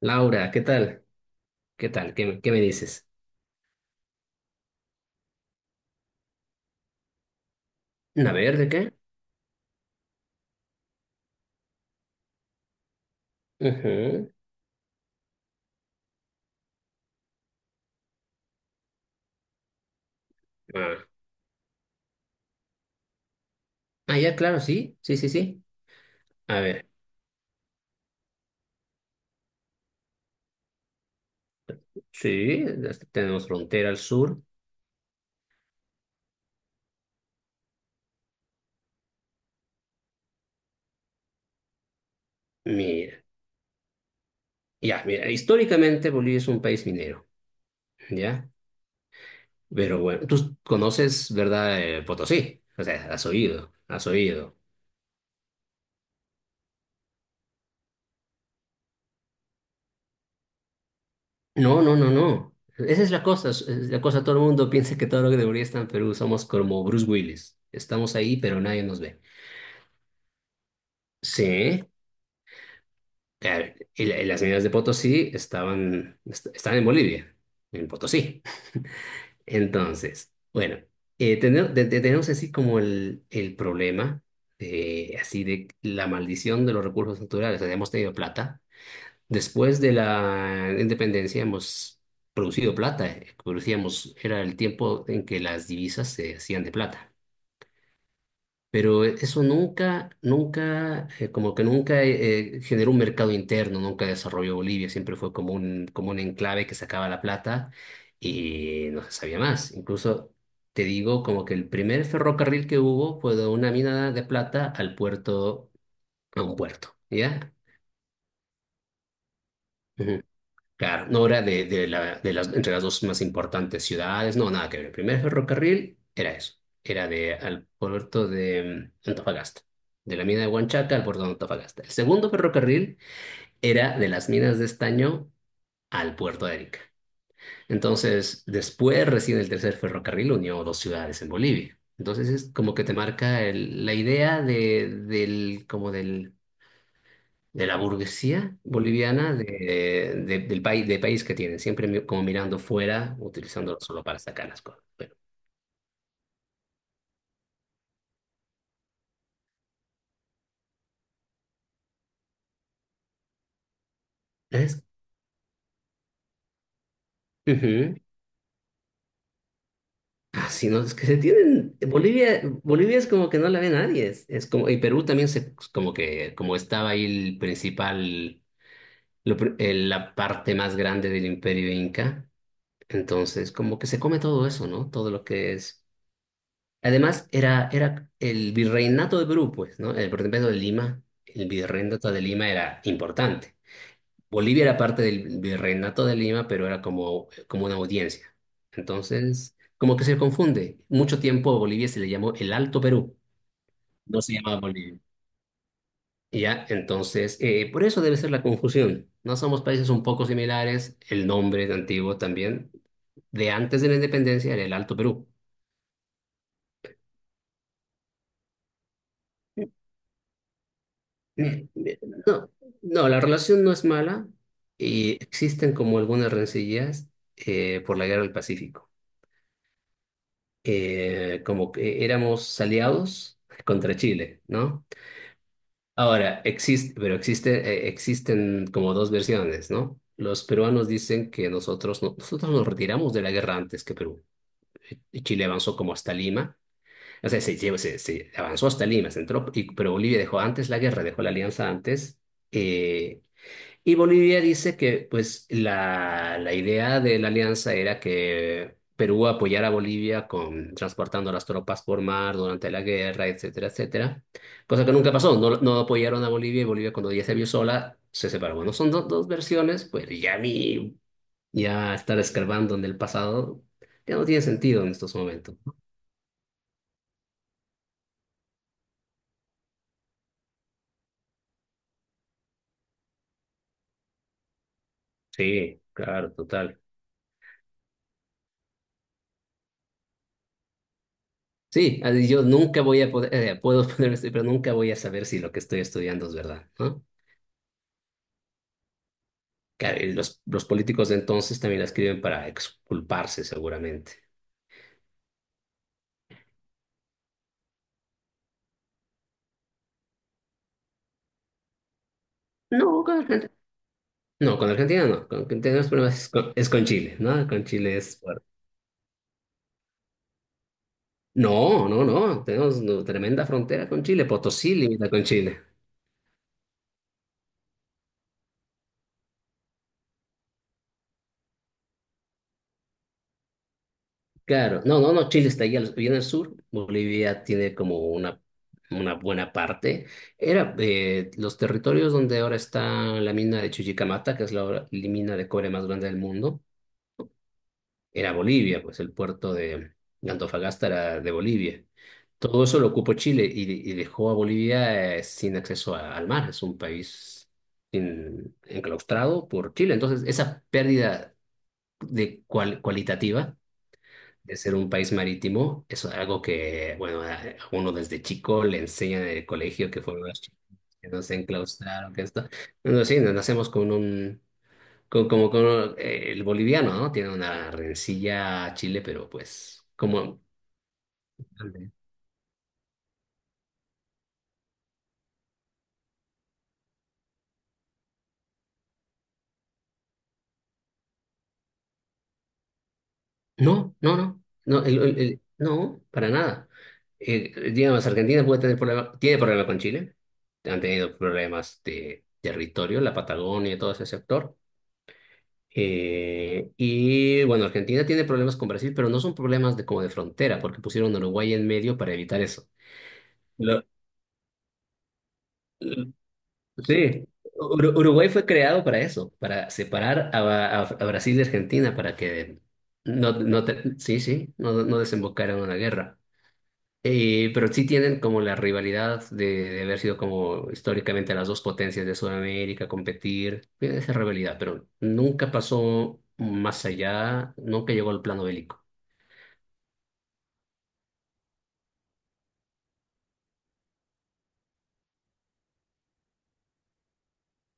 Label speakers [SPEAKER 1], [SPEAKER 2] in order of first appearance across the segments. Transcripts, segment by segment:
[SPEAKER 1] Laura, ¿qué tal? ¿Qué tal? ¿Qué me dices? A ver, ¿de qué? Ujú. Ah, Ah, ya, claro, sí, sí, sí, sí. A ver, sí, hasta tenemos frontera al sur. Mira, ya, mira, históricamente Bolivia es un país minero, ¿ya? Pero bueno, tú conoces, ¿verdad? Potosí, o sea, has oído, has oído. No, no, no, no. Esa es la cosa, todo el mundo piensa que todo lo que debería estar en Perú somos como Bruce Willis. Estamos ahí, pero nadie nos ve. Sí, a ver, y las minas de Potosí estaban en Bolivia, en Potosí. Entonces, bueno, tenemos así como el problema de, así de la maldición de los recursos naturales. O sea, hemos tenido plata. Después de la independencia hemos producido plata. Producíamos, era el tiempo en que las divisas se hacían de plata. Pero eso nunca, nunca, como que nunca generó un mercado interno, nunca desarrolló Bolivia, siempre fue como un enclave que sacaba la plata y no se sabía más. Incluso te digo como que el primer ferrocarril que hubo fue de una mina de plata al puerto, a un puerto, ¿ya? Claro, no era de entre las dos más importantes ciudades, no, nada que ver. El primer ferrocarril era eso, era al puerto de Antofagasta, de la mina de Huanchaca al puerto de Antofagasta. El segundo ferrocarril era de las minas de estaño al puerto de Arica. Entonces, después recién el tercer ferrocarril unió dos ciudades en Bolivia. Entonces es como que te marca la idea de, del, como del de la burguesía boliviana del país, de país que tienen, siempre como mirando fuera, utilizándolo solo para sacar las cosas. Bueno, ¿ves? Ujú. Ah, sí, no, es que se tienen, Bolivia es como que no la ve nadie, es como, y Perú también se, como que, como estaba ahí el principal, la parte más grande del imperio inca, entonces como que se come todo eso, ¿no? Todo lo que es. Además, era el virreinato de Perú, pues, ¿no? El virreinato de Lima, el virreinato de Lima era importante. Bolivia era parte del virreinato de Lima, pero era como, como una audiencia. Entonces, como que se confunde. Mucho tiempo a Bolivia se le llamó el Alto Perú, no se llamaba Bolivia. Ya, entonces, por eso debe ser la confusión. No somos países un poco similares, el nombre es antiguo también. De antes de la independencia era el Alto Perú. Este, No, no, la relación no es mala y existen como algunas rencillas por la guerra del Pacífico. Como que éramos aliados contra Chile, ¿no? Ahora, existe, pero existe, existen como dos versiones, ¿no? Los peruanos dicen que nosotros, no- nosotros nos retiramos de la guerra antes que Perú. Y Chile avanzó como hasta Lima, o sea, se avanzó hasta Lima, se entró, y- pero Bolivia dejó antes la guerra, dejó la alianza antes. eh, Y Bolivia dice que pues la idea de la alianza era que Perú apoyara a Bolivia con transportando las tropas por mar durante la guerra, etcétera, etcétera. Cosa que nunca pasó, no, no apoyaron a Bolivia y Bolivia cuando ya se vio sola se separó. Bueno, son do- dos versiones, pues ya a mí ya estar escarbando en el pasado ya no tiene sentido en estos momentos. Sí, claro, total. Sí, así yo nunca voy a poder, puedo poner esto, pero nunca voy a saber si lo que estoy estudiando es verdad, ¿no? Claro, y los políticos de entonces también la escriben para exculparse, seguramente. No, con Argentina, no, con Argentina no. Tenemos problemas es con Chile, ¿no? Con Chile es fuerte. No, no, no. Tenemos no, tremenda frontera con Chile. Potosí limita con Chile. Claro. No, no, no. Chile está allá bien al sur. Bolivia tiene como una buena parte. Era los territorios donde ahora está la mina de Chuquicamata, que es la mina de cobre más grande del mundo. Era Bolivia, pues el puerto de Antofagasta era de Bolivia. Todo eso lo ocupó Chile y dejó a Bolivia sin acceso al mar. Es un país enclaustrado por Chile. Entonces, esa pérdida cualitativa de ser un país marítimo es algo que, bueno, a uno desde chico le enseñan en el colegio que fueron las chicas que nos enclaustraron, que esto. No, sí, nos nacemos con un, como el boliviano, ¿no? Tiene una rencilla a Chile, pero pues, como, no, no, no, no, no, para nada. Digamos, Argentina puede tener problema, tiene problemas con Chile, han tenido problemas de territorio, la Patagonia, todo ese sector. Y bueno, Argentina tiene problemas con Brasil, pero no son problemas de como de frontera, porque pusieron a Uruguay en medio para evitar eso. Lo- Sí, Uruguay fue creado para eso, para separar a Brasil de Argentina, para que no desembocaran en una guerra. Pero sí tienen como la rivalidad de haber sido como históricamente las dos potencias de Sudamérica, competir, tienen esa rivalidad, pero nunca pasó más allá, nunca llegó al plano bélico.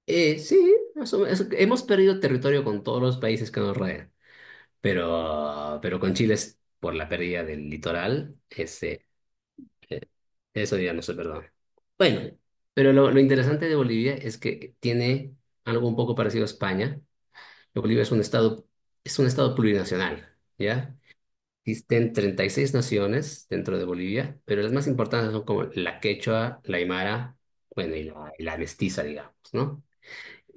[SPEAKER 1] Sí, más o menos, hemos perdido territorio con todos los países que nos rodean. Pero con Chile es por la pérdida del litoral, ese, eh, eso ya no se perdona. Bueno, pero lo interesante de Bolivia es que tiene algo un poco parecido a España. Bolivia es un estado plurinacional, ¿ya? Existen 36 naciones dentro de Bolivia, pero las más importantes son como la quechua, la aymara, bueno, y la mestiza, digamos, ¿no?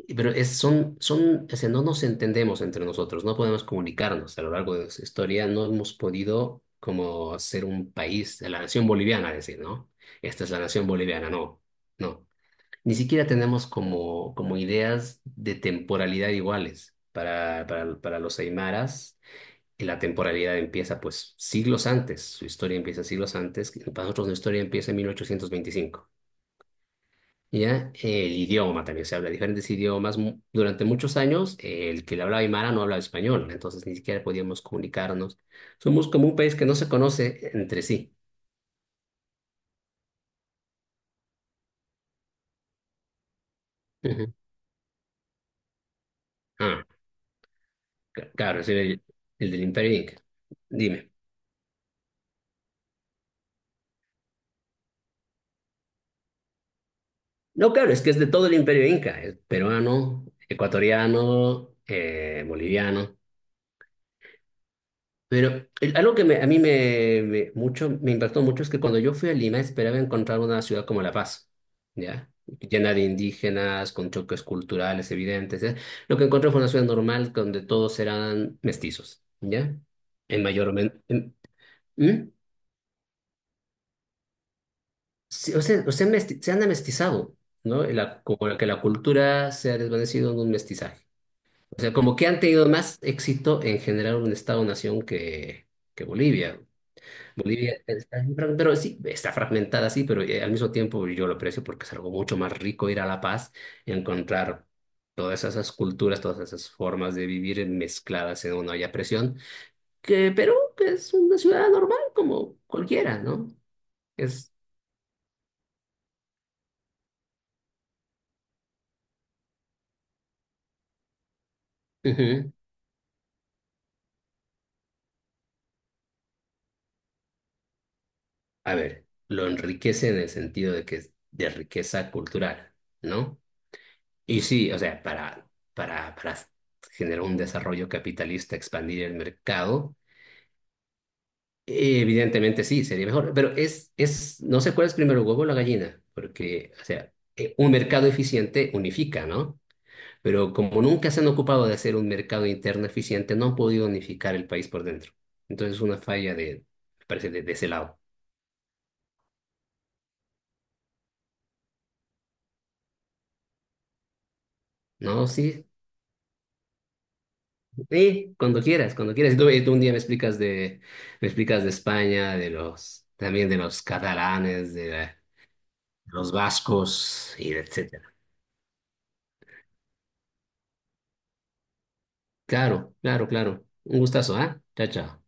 [SPEAKER 1] Pero es, son, son, o sea, no nos entendemos entre nosotros, no podemos comunicarnos a lo largo de nuestra historia, no hemos podido como ser un país, la nación boliviana, decir, ¿no? Esta es la nación boliviana, no, no. Ni siquiera tenemos como, como ideas de temporalidad iguales. Para los aymaras, la temporalidad empieza pues siglos antes, su historia empieza siglos antes, para nosotros nuestra historia empieza en 1825, ¿ya? El idioma también se habla diferentes idiomas. Durante muchos años, el que le hablaba Aymara no hablaba español, entonces ni siquiera podíamos comunicarnos. Somos como un país que no se conoce entre sí. Ujú. Ah, claro, es el del Imperio Inca. Dime. No, claro, es que es de todo el Imperio Inca, es peruano, ecuatoriano, boliviano. Pero algo que me- a mí me, me- mucho, me impactó mucho es que cuando yo fui a Lima esperaba encontrar una ciudad como La Paz, ¿ya? Llena de indígenas, con choques culturales evidentes, ¿eh? Lo que encontré fue una ciudad normal donde todos eran mestizos, ¿ya? En mayor o men- en- ¿Mm? Sí, se han amestizado, ¿no? Como que la cultura se ha desvanecido en un mestizaje. O sea, como que han tenido más éxito en generar un Estado-nación que Bolivia. Bolivia está, pero sí, está fragmentada, sí, pero al mismo tiempo yo lo aprecio porque es algo mucho más rico ir a La Paz y encontrar todas esas culturas, todas esas formas de vivir mezcladas en una olla a presión, que Perú que es una ciudad normal como cualquiera, ¿no? Es, Ujú. A ver, lo enriquece en el sentido de que es de riqueza cultural, ¿no? Y sí, o sea, para generar un desarrollo capitalista, expandir el mercado. Evidentemente sí, sería mejor, pero no sé cuál es primero, el huevo o la gallina, porque, o sea, un mercado eficiente unifica, ¿no? Pero como nunca se han ocupado de hacer un mercado interno eficiente, no han podido unificar el país por dentro. Entonces es una falla de, me parece, de ese lado. No, sí, sí, cuando quieras, cuando quieras. Tú, y tú un día me explicas de España, de los, también de los catalanes, los vascos y de etcétera. Claro, claro, claro. Un gustazo, ¿ah? Chao, chao.